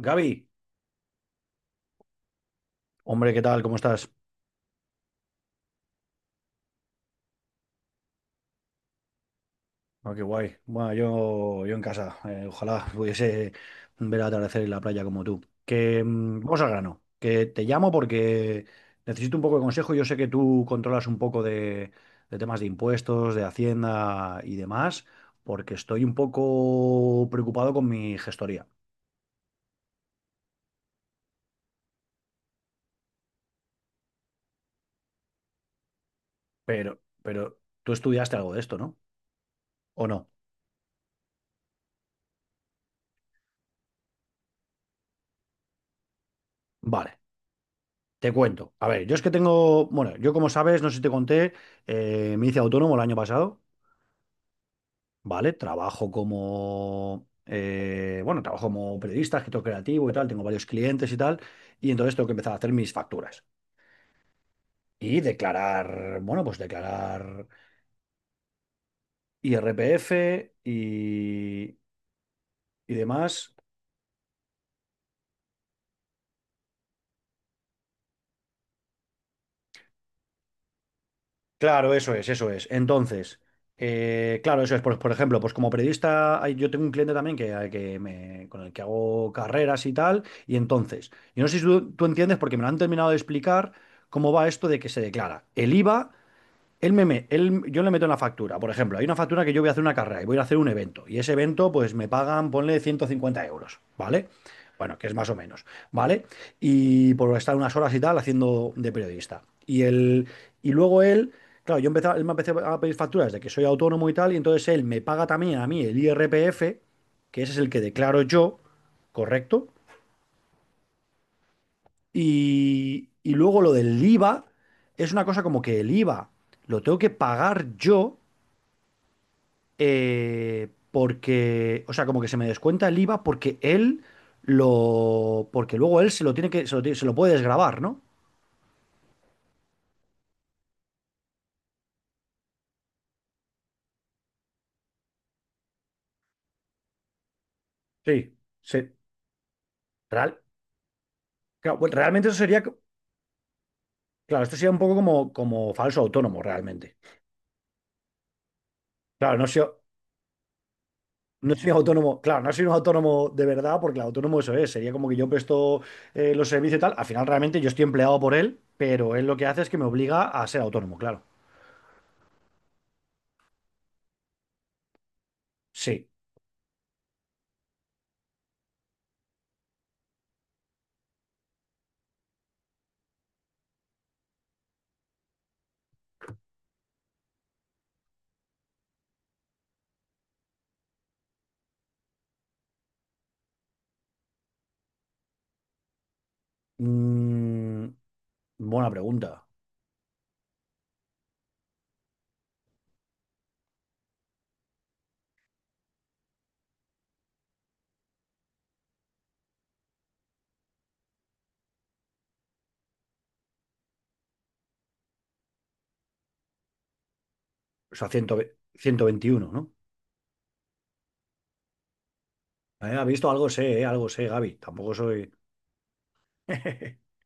Gaby, hombre, ¿qué tal? ¿Cómo estás? Ah, qué guay. Bueno, yo en casa. Ojalá pudiese ver el atardecer en la playa como tú. Que vamos al grano. Que te llamo porque necesito un poco de consejo. Yo sé que tú controlas un poco de temas de impuestos, de Hacienda y demás, porque estoy un poco preocupado con mi gestoría. Pero tú estudiaste algo de esto, ¿no? ¿O no? Vale. Te cuento. A ver, yo es que tengo, bueno, yo como sabes, no sé si te conté, me hice autónomo el año pasado, ¿vale? Trabajo como periodista, escritor creativo y tal, tengo varios clientes y tal, y entonces tengo que empezar a hacer mis facturas y declarar, bueno, pues declarar IRPF y, y demás. Claro, eso es, eso es. Entonces, claro, eso es. Por ejemplo, pues como periodista, yo tengo un cliente también que, al que con el que hago carreras y tal. Y entonces, yo no sé si tú entiendes, porque me lo han terminado de explicar, cómo va esto de que se declara el IVA, él me, me- él- yo le meto en la factura. Por ejemplo, hay una factura que yo voy a hacer una carrera y voy a hacer un evento, y ese evento pues me pagan, ponle 150 euros, ¿vale? Bueno, que es más o menos, ¿vale? Y por estar unas horas y tal haciendo de periodista. Y él, y luego él, claro, yo empezaba, él me empecé a pedir facturas de que soy autónomo y tal, y entonces él me paga también a mí el IRPF, que ese es el que declaro yo, ¿correcto? Y luego lo del IVA, es una cosa como que el IVA lo tengo que pagar yo porque, o sea, como que se me descuenta el IVA porque él lo, porque luego él se lo tiene que, se lo, tiene- se lo puede desgravar, ¿no? Sí, sí. Real, claro, bueno, realmente eso sería, claro, esto sería un poco como falso autónomo, realmente. Claro, no soy autónomo, claro, no soy un autónomo de verdad, porque el autónomo eso es, sería como que yo presto los servicios y tal. Al final realmente yo estoy empleado por él, pero él lo que hace es que me obliga a ser autónomo, claro. Sí. Mm, buena pregunta. O sea, 121, ¿no? ¿Ha visto? Algo sé, Gaby. Tampoco soy.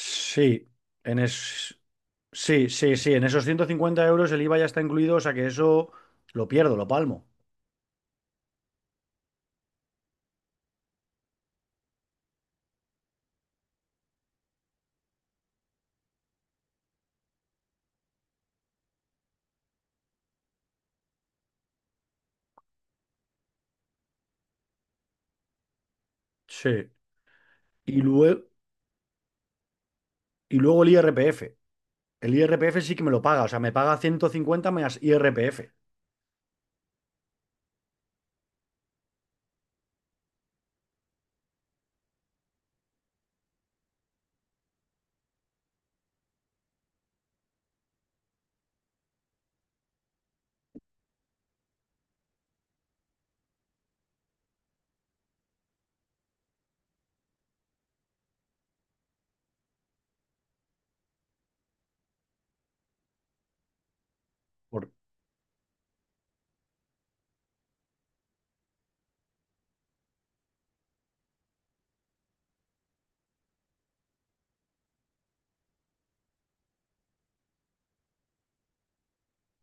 Sí, en es... sí, sí, sí. En esos 150 € el IVA ya está incluido, o sea que eso lo pierdo, lo palmo. Sí. Y luego, y luego el IRPF. El IRPF sí que me lo paga, o sea, me paga 150 más IRPF. Por...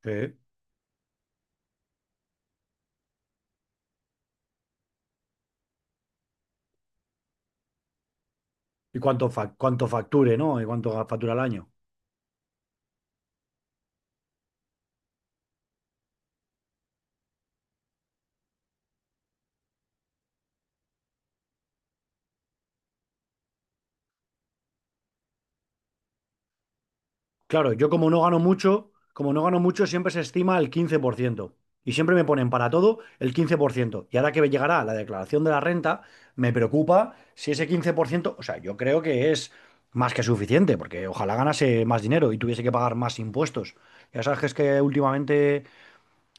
sí. Y cuánto facture, ¿no? Y cuánto factura al año. Claro, yo como no gano mucho, como no gano mucho, siempre se estima el 15%. Y siempre me ponen para todo el 15%. Y ahora que llegará la declaración de la renta, me preocupa si ese 15%, o sea, yo creo que es más que suficiente, porque ojalá ganase más dinero y tuviese que pagar más impuestos. Ya sabes que es que últimamente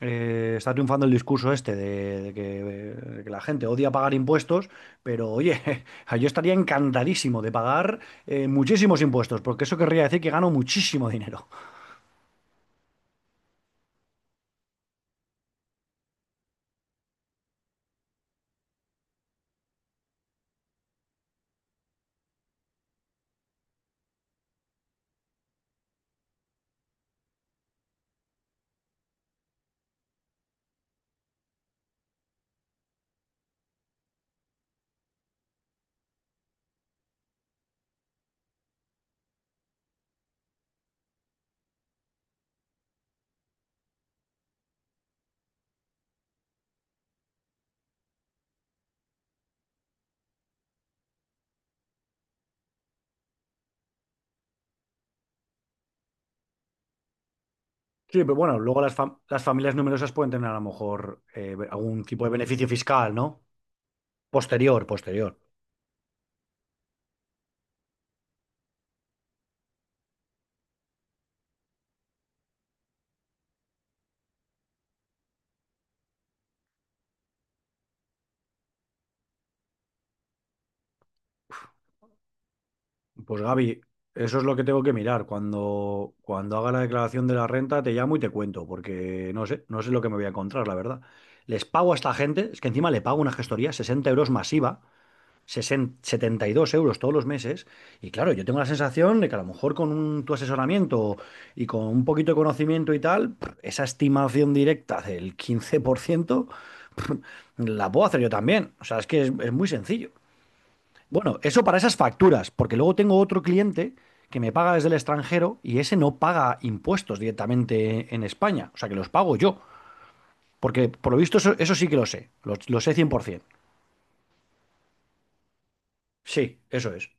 está triunfando el discurso este de que la gente odia pagar impuestos, pero oye, yo estaría encantadísimo de pagar muchísimos impuestos, porque eso querría decir que gano muchísimo dinero. Sí, pero bueno, luego las familias numerosas pueden tener a lo mejor algún tipo de beneficio fiscal, ¿no? Posterior, posterior. Pues Gaby, eso es lo que tengo que mirar. Cuando haga la declaración de la renta, te llamo y te cuento, porque no sé lo que me voy a encontrar, la verdad. Les pago a esta gente, es que encima le pago una gestoría, 60 € masiva, 60 72 € todos los meses. Y claro, yo tengo la sensación de que a lo mejor con tu asesoramiento y con un poquito de conocimiento y tal, pff, esa estimación directa del 15% la puedo hacer yo también. O sea, es que es muy sencillo. Bueno, eso para esas facturas, porque luego tengo otro cliente que me paga desde el extranjero y ese no paga impuestos directamente en España, o sea que los pago yo, porque por lo visto eso sí que lo sé, lo sé 100%. Sí, eso es.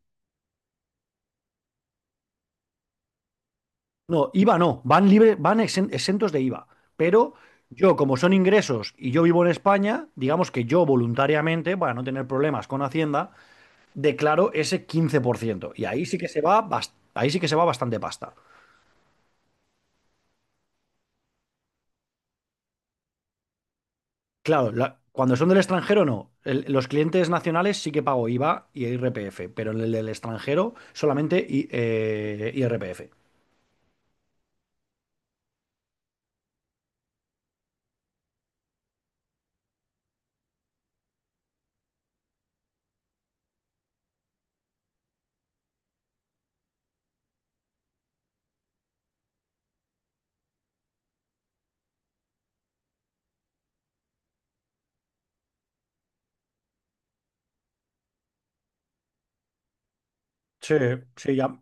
No, IVA no, van libre, van exentos de IVA, pero yo como son ingresos y yo vivo en España, digamos que yo voluntariamente, para no tener problemas con Hacienda, declaro ese 15% y ahí sí que se va bastante pasta. Claro, cuando son del extranjero no. Los clientes nacionales sí que pago IVA y IRPF, pero en el del extranjero solamente IRPF. Sí, sí, ya.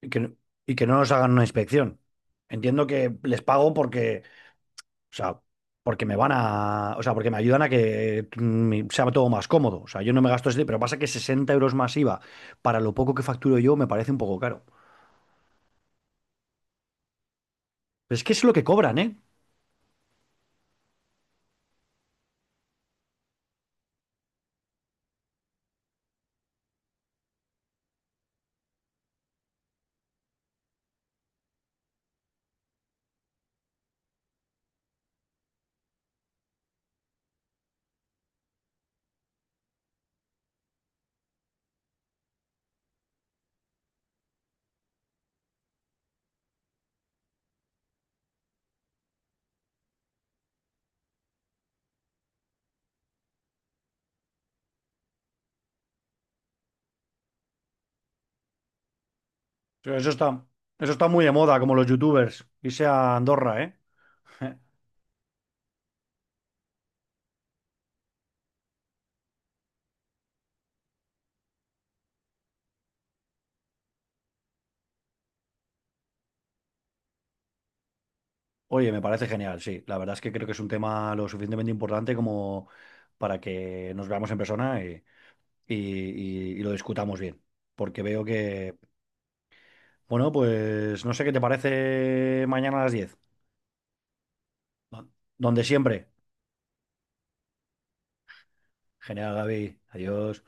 Y que, no- y que no nos hagan una inspección. Entiendo que les pago porque, o sea, porque me van a, o sea, porque me ayudan a que sea todo más cómodo. O sea, yo no me gasto ese, pero pasa que 60 € más IVA para lo poco que facturo yo me parece un poco caro. Pero es que es lo que cobran, ¿eh? O sea, eso está, eso está muy de moda, como los youtubers. Irse a Andorra, ¿eh? Eh, Oye, me parece genial, sí. La verdad es que creo que es un tema lo suficientemente importante como para que nos veamos en persona y, y lo discutamos bien. Porque veo que, bueno, pues no sé qué te parece mañana a las 10. Donde siempre. Genial, Gaby. Adiós.